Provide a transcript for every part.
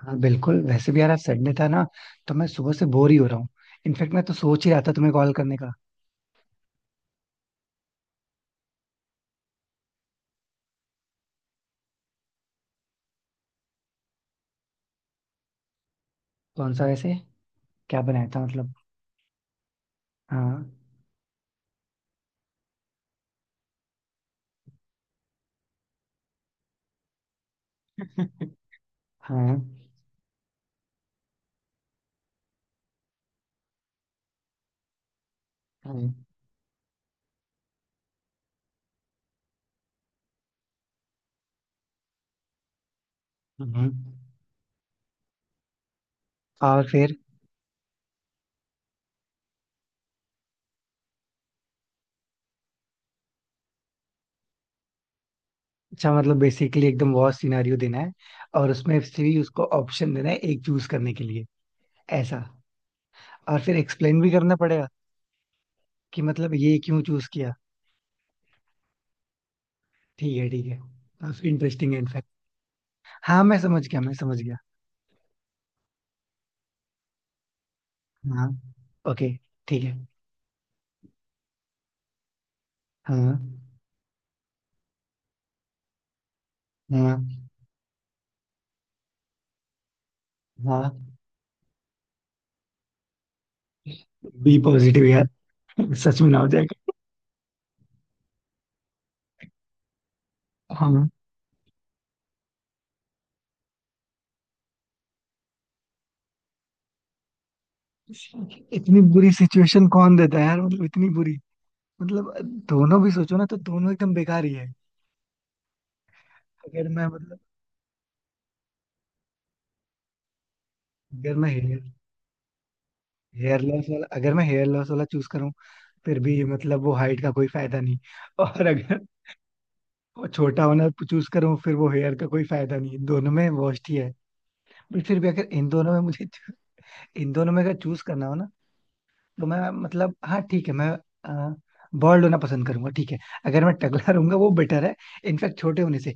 हाँ, बिल्कुल. वैसे भी यार, आज संडे था ना, तो मैं सुबह से बोर ही हो रहा हूँ. इनफेक्ट मैं तो सोच ही रहा था तुम्हें कॉल करने का. कौन सा वैसे? क्या बनाया था मतलब? हाँ. हाँ, हाँ. हम्म। और फिर? अच्छा, मतलब बेसिकली एकदम वॉर सिनेरियो देना है. और उसमें से भी उसको ऑप्शन देना है एक चूज करने के लिए. ऐसा? और फिर एक्सप्लेन भी करना पड़ेगा? कि मतलब ये क्यों चूज किया. ठीक है, ठीक है. काफी इंटरेस्टिंग है इनफैक्ट. हाँ, मैं समझ गया, मैं समझ गया. हाँ. ओके. ठीक है. हाँ. हाँ. हाँ. बी पॉजिटिव यार. सच में ना हो जाएगा. हम. इतनी बुरी सिचुएशन कौन देता है यार, मतलब इतनी बुरी. मतलब दोनों भी सोचो ना, तो दोनों एकदम बेकार ही है. अगर मैं, मतलब, अगर मैं हेयर हेयर लॉस वाला अगर मैं हेयर लॉस वाला चूज करूँ, फिर भी मतलब वो हाइट का कोई फायदा नहीं. और अगर वो छोटा होना चूज करूँ, फिर वो हेयर का कोई फायदा नहीं. दोनों में worst ही है. बट फिर भी अगर इन दोनों में मुझे इन दोनों में अगर चूज करना हो ना, तो मैं, मतलब, हाँ, ठीक है, मैं बॉल्ड होना पसंद करूंगा, ठीक है. अगर मैं टकला रहूंगा, वो बेटर है इनफैक्ट छोटे होने से.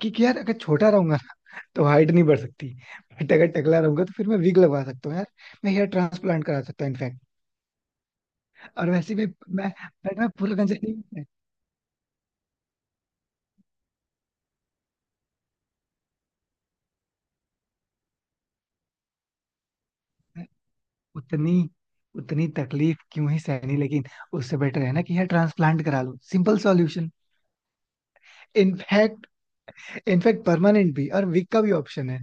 क्योंकि यार, अगर छोटा रहूंगा ना, तो हाइट नहीं बढ़ सकती. बट अगर टकला रहूंगा तो फिर मैं विग लगवा सकता हूँ यार. मैं हेयर ट्रांसप्लांट करा सकता हूँ इनफैक्ट. और वैसे भी मैं पूरा कंजर नहीं. मैं उतनी उतनी तकलीफ क्यों ही सहनी, लेकिन उससे बेटर है ना कि हेयर ट्रांसप्लांट करा लो, simple solution. In fact in fact permanent भी और विग का भी ऑप्शन है.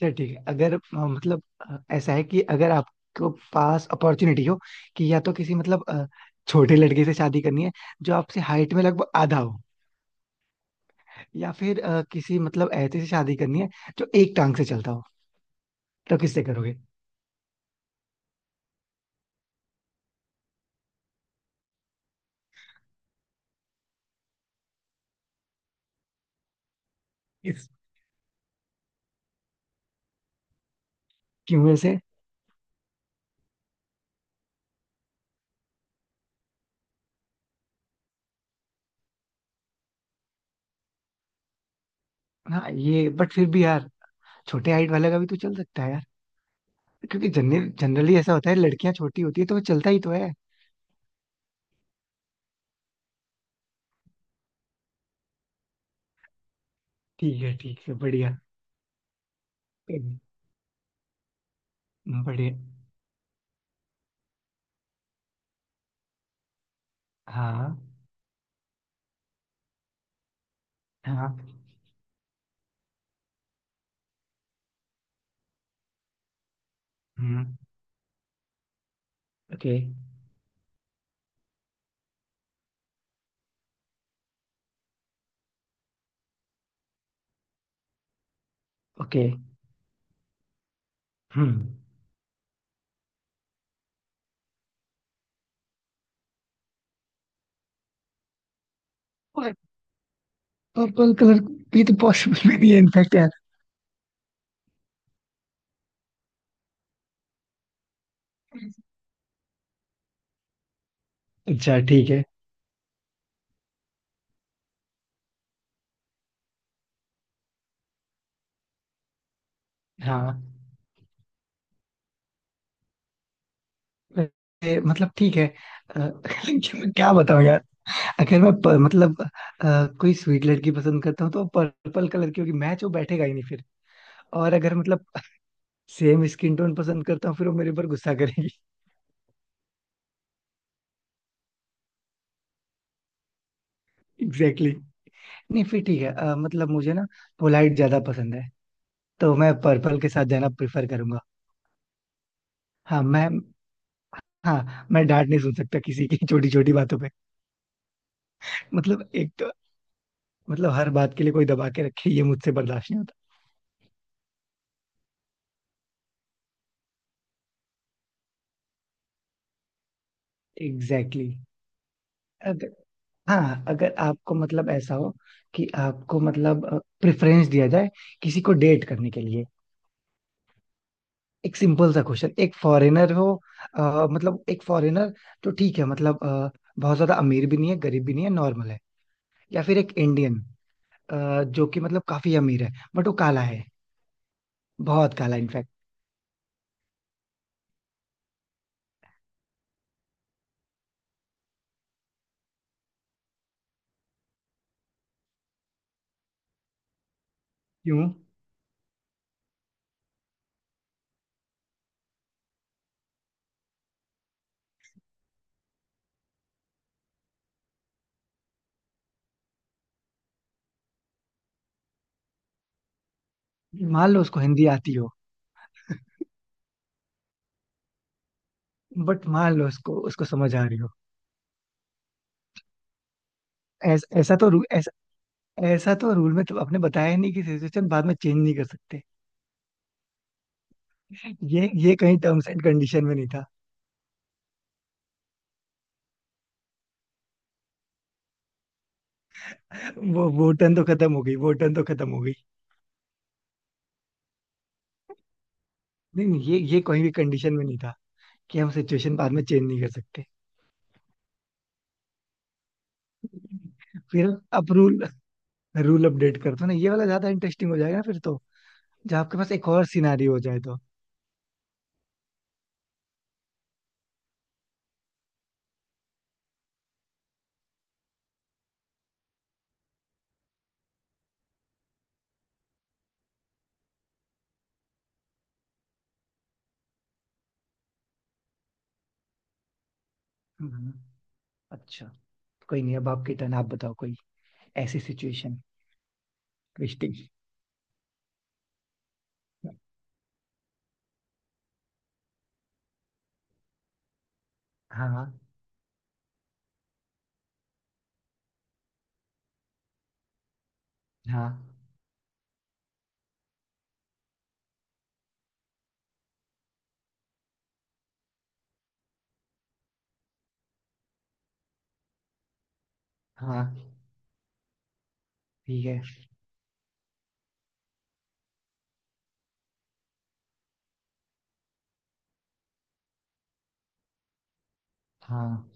चल ठीक है, अगर मतलब, ऐसा है कि अगर आपको पास अपॉर्चुनिटी हो कि या तो किसी, मतलब, छोटे लड़के से शादी करनी है जो आपसे हाइट में लगभग आधा हो, या फिर किसी, मतलब, ऐसे से शादी करनी है जो एक टांग से चलता हो, तो किससे करोगे? इस क्यों से? हाँ, ये, बट फिर भी यार, छोटे हाइट वाले का भी तो चल सकता है यार. क्योंकि जनरली ऐसा होता है, लड़कियां छोटी होती है, तो वो चलता ही तो है. ठीक है, ठीक है, बढ़िया. बढ़िया. हाँ. हाँ. Hmm. Okay. Okay. Hmm. Purple colour भी तो पॉसिबल भी नहीं है इनफैक्ट यार. अच्छा, ठीक है. हाँ. मतलब ठीक है, अ, लेकिन मैं क्या बताऊं यार. अगर मैं मतलब, कोई स्वीट लड़की पसंद करता हूँ तो पर्पल कलर की होगी, मैच वो बैठेगा ही नहीं फिर. और अगर मतलब सेम स्किन टोन पसंद करता हूँ, फिर वो मेरे पर गुस्सा करेगी. Exactly exactly. नहीं, फिर ठीक है, मतलब मुझे ना पोलाइट ज्यादा पसंद है. तो मैं पर्पल के साथ जाना प्रेफर करूंगा. हाँ मैं हाँ, मैं डांट नहीं सुन सकता किसी की छोटी छोटी बातों पे. मतलब एक तो, मतलब हर बात के लिए कोई दबा के रखे, ये मुझसे बर्दाश्त नहीं होता. Exactly exactly. अगर, हाँ, अगर आपको मतलब ऐसा हो कि आपको मतलब प्रेफरेंस दिया जाए किसी को डेट करने के लिए. एक सिंपल सा क्वेश्चन, एक फॉरेनर हो, मतलब एक फॉरेनर, तो ठीक है, मतलब, बहुत ज्यादा अमीर भी नहीं है, गरीब भी नहीं है, नॉर्मल है. या फिर एक इंडियन, जो कि मतलब काफी अमीर है, बट वो काला है. बहुत काला इनफैक्ट. क्यों? मान लो उसको हिंदी आती हो. बट मान लो उसको उसको समझ आ रही हो. ऐस, ऐसा तो रू- ऐस, ऐसा तो रूल में तो आपने बताया ही नहीं कि सिचुएशन बाद में चेंज नहीं कर सकते. ये कहीं टर्म्स एंड कंडीशन में नहीं था. वो टर्न तो खत्म हो गई, वो टर्न तो खत्म हो गई. नहीं, नहीं, ये कहीं भी कंडीशन में नहीं था कि हम सिचुएशन बाद में चेंज नहीं कर सकते. फिर आप रूल रूल अपडेट कर दो ना, ये वाला ज्यादा इंटरेस्टिंग हो जाएगा फिर तो. जब आपके पास एक और सिनारियो हो जाए तो. हम्म. अच्छा. कोई नहीं, अब आपकी टर्न, आप बताओ कोई ऐसी सिचुएशन, ट्विस्टिंग. हाँ. हाँ. हाँ. ठीक है. हाँ.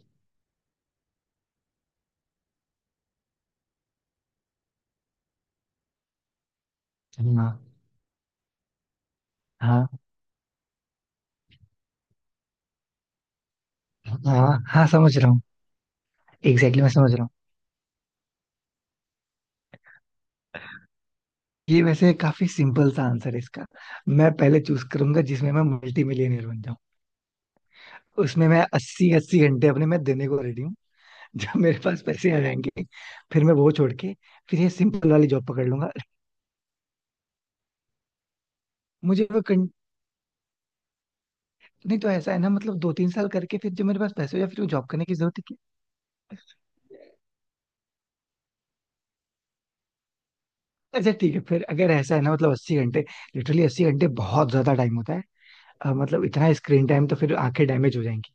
हाँ. हाँ. हाँ. हाँ, समझ रहा हूँ. एग्जैक्टली exactly, मैं समझ रहा हूँ. ये वैसे काफी सिंपल सा आंसर है इसका. मैं पहले चूज करूंगा जिसमें मैं मल्टी मिलियनर बन जाऊँ. उसमें मैं 80-80 घंटे अपने मैं देने को रेडी हूँ. जब मेरे पास पैसे आ जाएंगे, फिर मैं वो छोड़ के फिर ये सिंपल वाली जॉब पकड़ लूंगा. मुझे वो कं... नहीं तो ऐसा है ना, मतलब 2-3 साल करके फिर जब मेरे पास पैसे हो, या फिर वो जॉब करने की जरूरत ही क्या? है? अच्छा, ठीक है, फिर अगर ऐसा है ना, मतलब 80 घंटे, लिटरली 80 घंटे बहुत ज्यादा टाइम होता है. मतलब इतना स्क्रीन टाइम तो फिर आंखें डैमेज हो जाएंगी.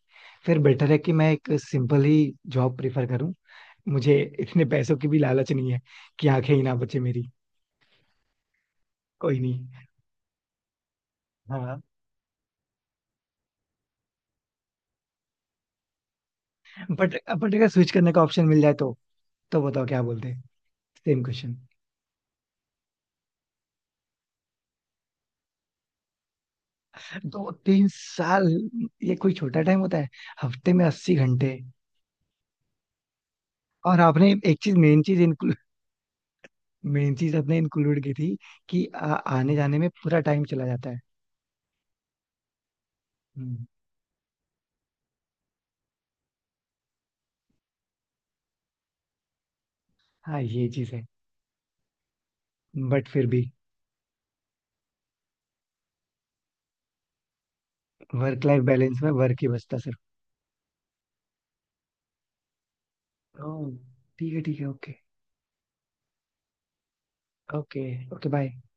फिर बेटर है कि मैं एक सिंपल ही जॉब प्रिफर करूं. मुझे इतने पैसों की भी लालच नहीं है कि आंखें ही ना बचे मेरी. कोई नहीं. हाँ. बट अगर स्विच करने का ऑप्शन मिल जाए तो बताओ क्या बोलते हैं. Same question. 2-3 साल? ये कोई छोटा टाइम होता है? हफ्ते में 80 घंटे. और आपने एक चीज मेन चीज इंक्लूड मेन चीज आपने इंक्लूड की थी कि आने जाने में पूरा टाइम चला जाता है. हम्म. हाँ, ये चीज है. बट फिर भी वर्क लाइफ बैलेंस में वर्क ही बचता सिर्फ. ओह. ठीक है, ठीक है. ओके. ओके. Okay, bye.